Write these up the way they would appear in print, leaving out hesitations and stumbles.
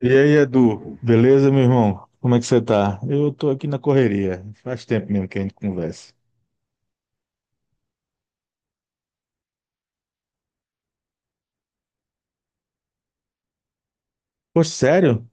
E aí, Edu, beleza, meu irmão? Como é que você tá? Eu tô aqui na correria. Faz tempo mesmo que a gente conversa. Poxa, sério?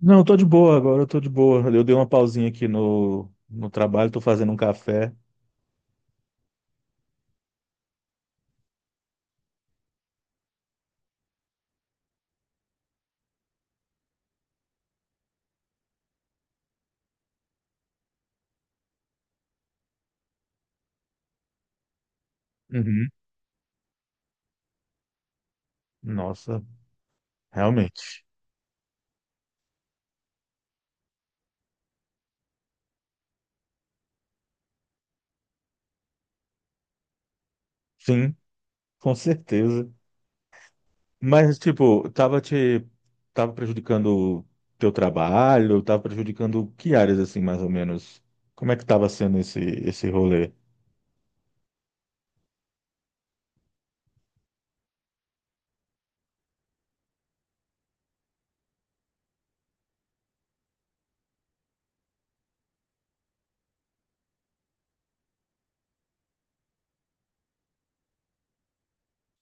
Não, eu tô de boa agora, eu tô de boa. Eu dei uma pausinha aqui no trabalho, tô fazendo um café. Uhum. Nossa, realmente. Sim, com certeza. Mas, tipo, tava prejudicando teu trabalho, tava prejudicando que áreas, assim, mais ou menos? Como é que tava sendo esse rolê?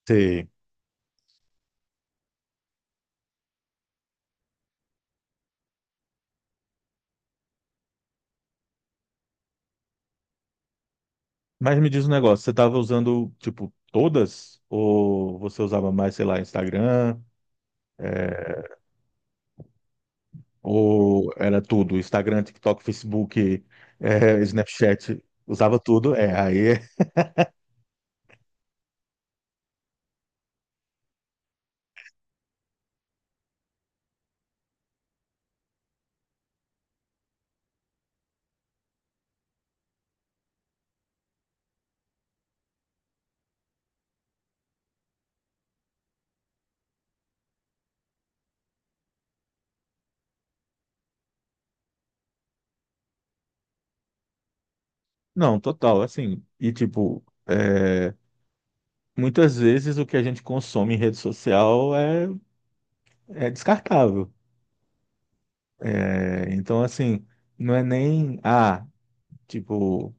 Sim. Mas me diz um negócio, você estava usando, tipo, todas? Ou você usava mais, sei lá, Instagram? É, ou era tudo? Instagram, TikTok, Facebook, é, Snapchat, usava tudo? Não, total, assim, e tipo, é, muitas vezes o que a gente consome em rede social é descartável. É, então, assim, não é nem, ah, tipo...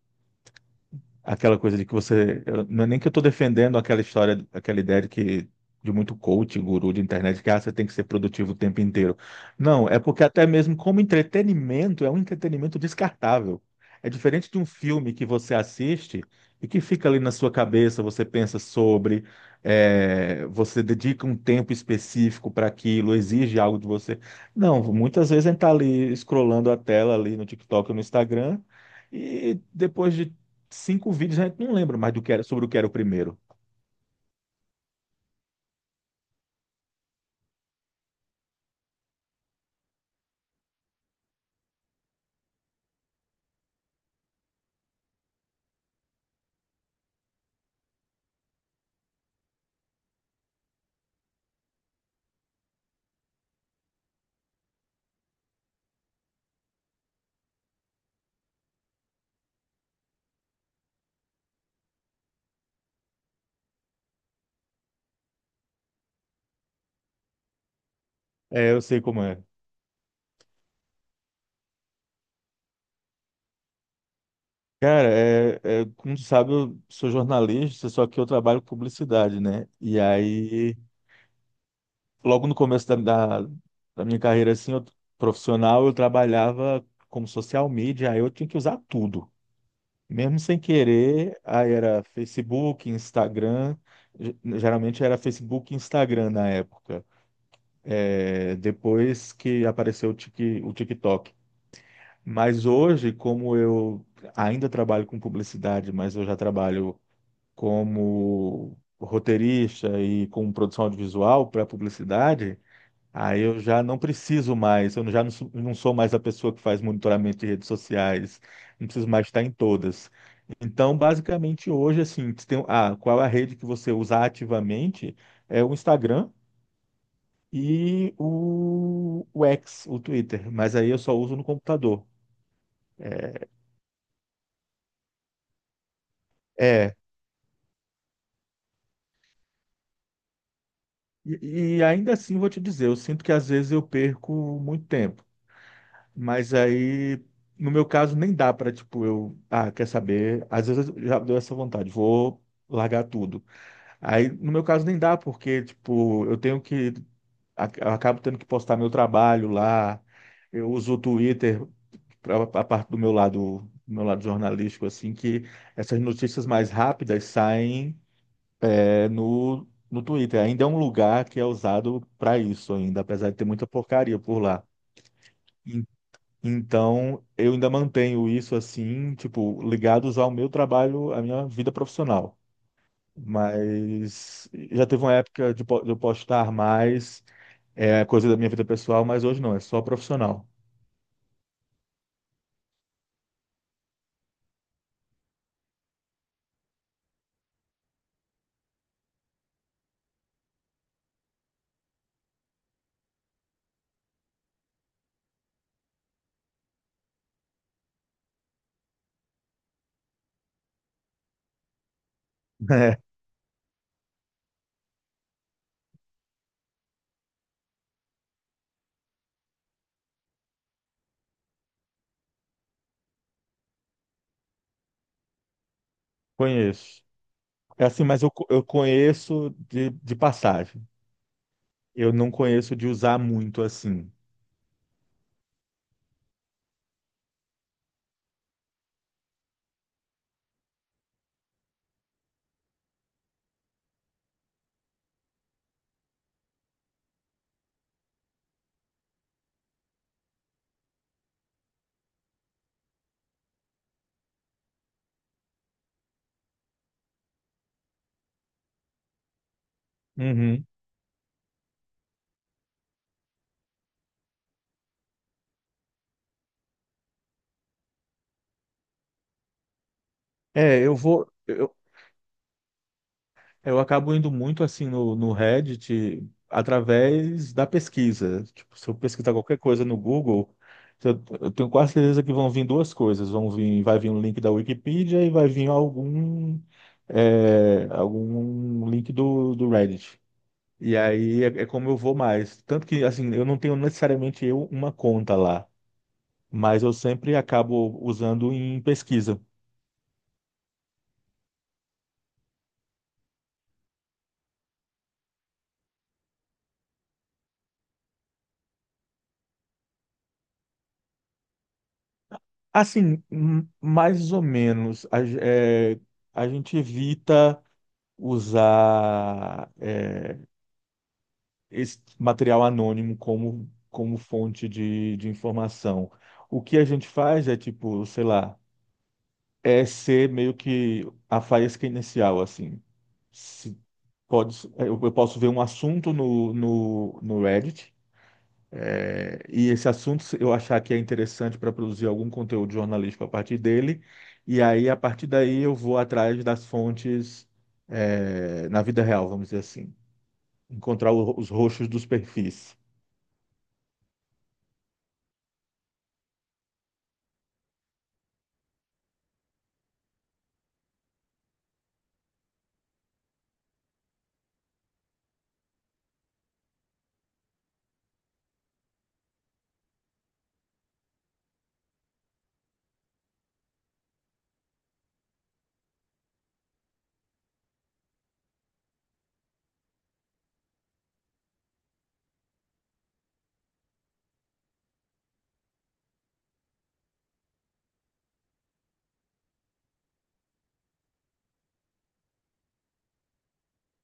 aquela coisa de que você. Eu- não é nem que eu estou defendendo aquela história, aquela ideia de que. De muito coach, guru de internet, que ah, você tem que ser produtivo o tempo inteiro. Não, é porque até mesmo como entretenimento, é um entretenimento descartável. É diferente de um filme que você assiste e que fica ali na sua cabeça, você pensa sobre, é, você dedica um tempo específico para aquilo, exige algo de você. Não, muitas vezes a gente está ali scrollando a tela ali no TikTok ou no Instagram. E depois de cinco vídeos, a gente não lembra mais do que era, sobre o que era o primeiro. É, eu sei como é. Cara, como tu sabe, eu sou jornalista, só que eu trabalho com publicidade, né? E aí, logo no começo da, da minha carreira assim, profissional, eu trabalhava como social media, aí eu tinha que usar tudo, mesmo sem querer. Aí era Facebook, Instagram, geralmente era Facebook e Instagram na época. É, depois que apareceu o TikTok. Mas hoje, como eu ainda trabalho com publicidade, mas eu já trabalho como roteirista e com produção audiovisual para publicidade, aí eu já não preciso mais, eu já não sou, não sou mais a pessoa que faz monitoramento de redes sociais, não preciso mais estar em todas. Então, basicamente, hoje, assim, você tem, ah, qual é a rede que você usa ativamente? É o Instagram e o X, o Twitter, mas aí eu só uso no computador. é é, e ainda assim, vou te dizer, eu sinto que às vezes eu perco muito tempo. Mas aí, no meu caso, nem dá para, tipo, eu, ah, quer saber? Às vezes eu já deu essa vontade, vou largar tudo. Aí, no meu caso, nem dá, porque, tipo, eu acabo tendo que postar meu trabalho lá. Eu uso o Twitter para a parte do meu lado jornalístico, assim, que essas notícias mais rápidas saem é no Twitter. Ainda é um lugar que é usado para isso ainda, apesar de ter muita porcaria por lá. En- Então, eu ainda mantenho isso assim, tipo, ligados ao meu trabalho, à minha vida profissional. Mas já teve uma época de eu postar mais, é coisa da minha vida pessoal, mas hoje não, é só profissional. É, conheço. É assim, eu conheço de passagem. Eu não conheço de usar muito assim. Uhum. É, eu vou. Eu acabo indo muito assim no Reddit através da pesquisa. Tipo, se eu pesquisar qualquer coisa no Google, eu tenho quase certeza que vão vir duas coisas. Vai vir um link da Wikipedia e vai vir algum, é, algum link do Reddit. E aí é como eu vou mais. Tanto que assim, eu não tenho necessariamente eu uma conta lá, mas eu sempre acabo usando em pesquisa. Assim, mais ou menos, a gente evita usar é, esse material anônimo como, como fonte de informação. O que a gente faz é tipo, sei lá, é ser meio que a faísca inicial, assim. Se pode, é, eu posso ver um assunto no Reddit, é, e esse assunto se eu achar que é interessante para produzir algum conteúdo jornalístico a partir dele, e aí, a partir daí, eu vou atrás das fontes, é, na vida real, vamos dizer assim. Encontrar os roxos dos perfis.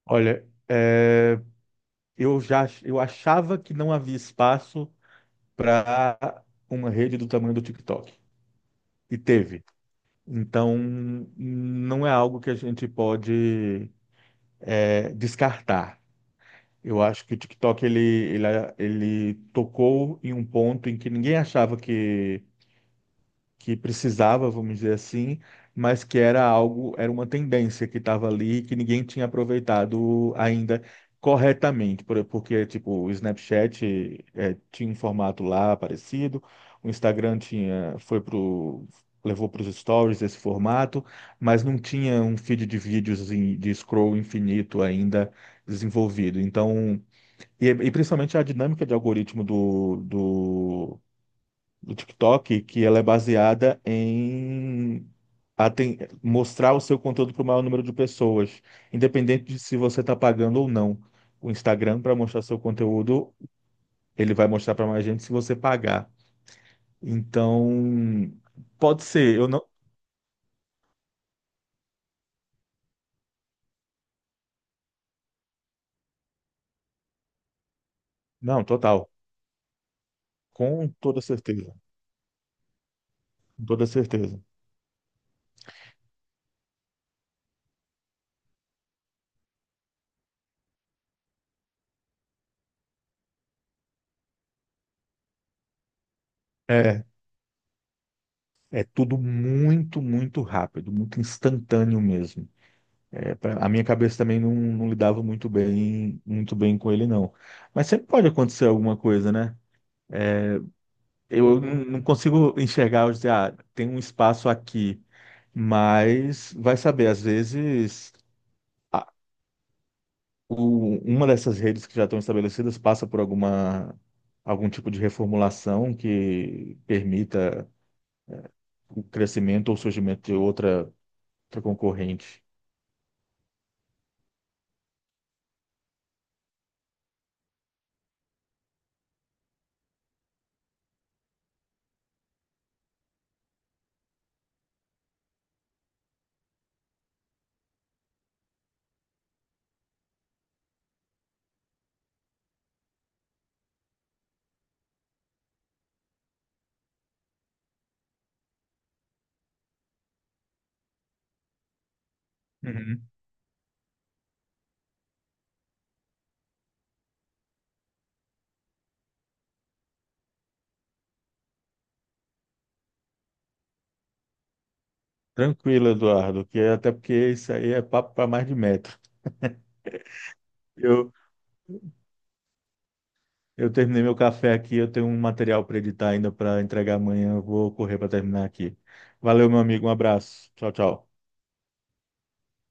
Olha, é, eu achava que não havia espaço para uma rede do tamanho do TikTok. E teve. Então, não é algo que a gente pode é, descartar. Eu acho que o TikTok ele tocou em um ponto em que ninguém achava que precisava, vamos dizer assim, mas que era algo, era uma tendência que estava ali e que ninguém tinha aproveitado ainda corretamente, porque tipo, o Snapchat eh, tinha um formato lá parecido, o Instagram tinha, foi pro levou para os stories esse formato, mas não tinha um feed de vídeos de scroll infinito ainda desenvolvido. Então, e principalmente a dinâmica de algoritmo do TikTok, que ela é baseada em aten- mostrar o seu conteúdo para o maior número de pessoas, independente de se você está pagando ou não. O Instagram, para mostrar seu conteúdo, ele vai mostrar para mais gente se você pagar. Então, pode ser, eu não. Não, total. Com toda certeza. Com toda certeza. É, é tudo muito, muito rápido, muito instantâneo mesmo. É, a minha cabeça também não, não lidava muito bem com ele, não. Mas sempre pode acontecer alguma coisa, né? É, eu não consigo enxergar, eu dizer, ah, tem um espaço aqui, mas vai saber, às vezes a- uma dessas redes que já estão estabelecidas passa por alguma, algum tipo de reformulação que permita o crescimento ou surgimento de outra, outra concorrente. Uhum. Tranquilo, Eduardo, até porque isso aí é papo para mais de metro. Eu, eu terminei meu café aqui, eu tenho um material para editar ainda para entregar amanhã. Eu vou correr para terminar aqui. Valeu, meu amigo. Um abraço. Tchau, tchau.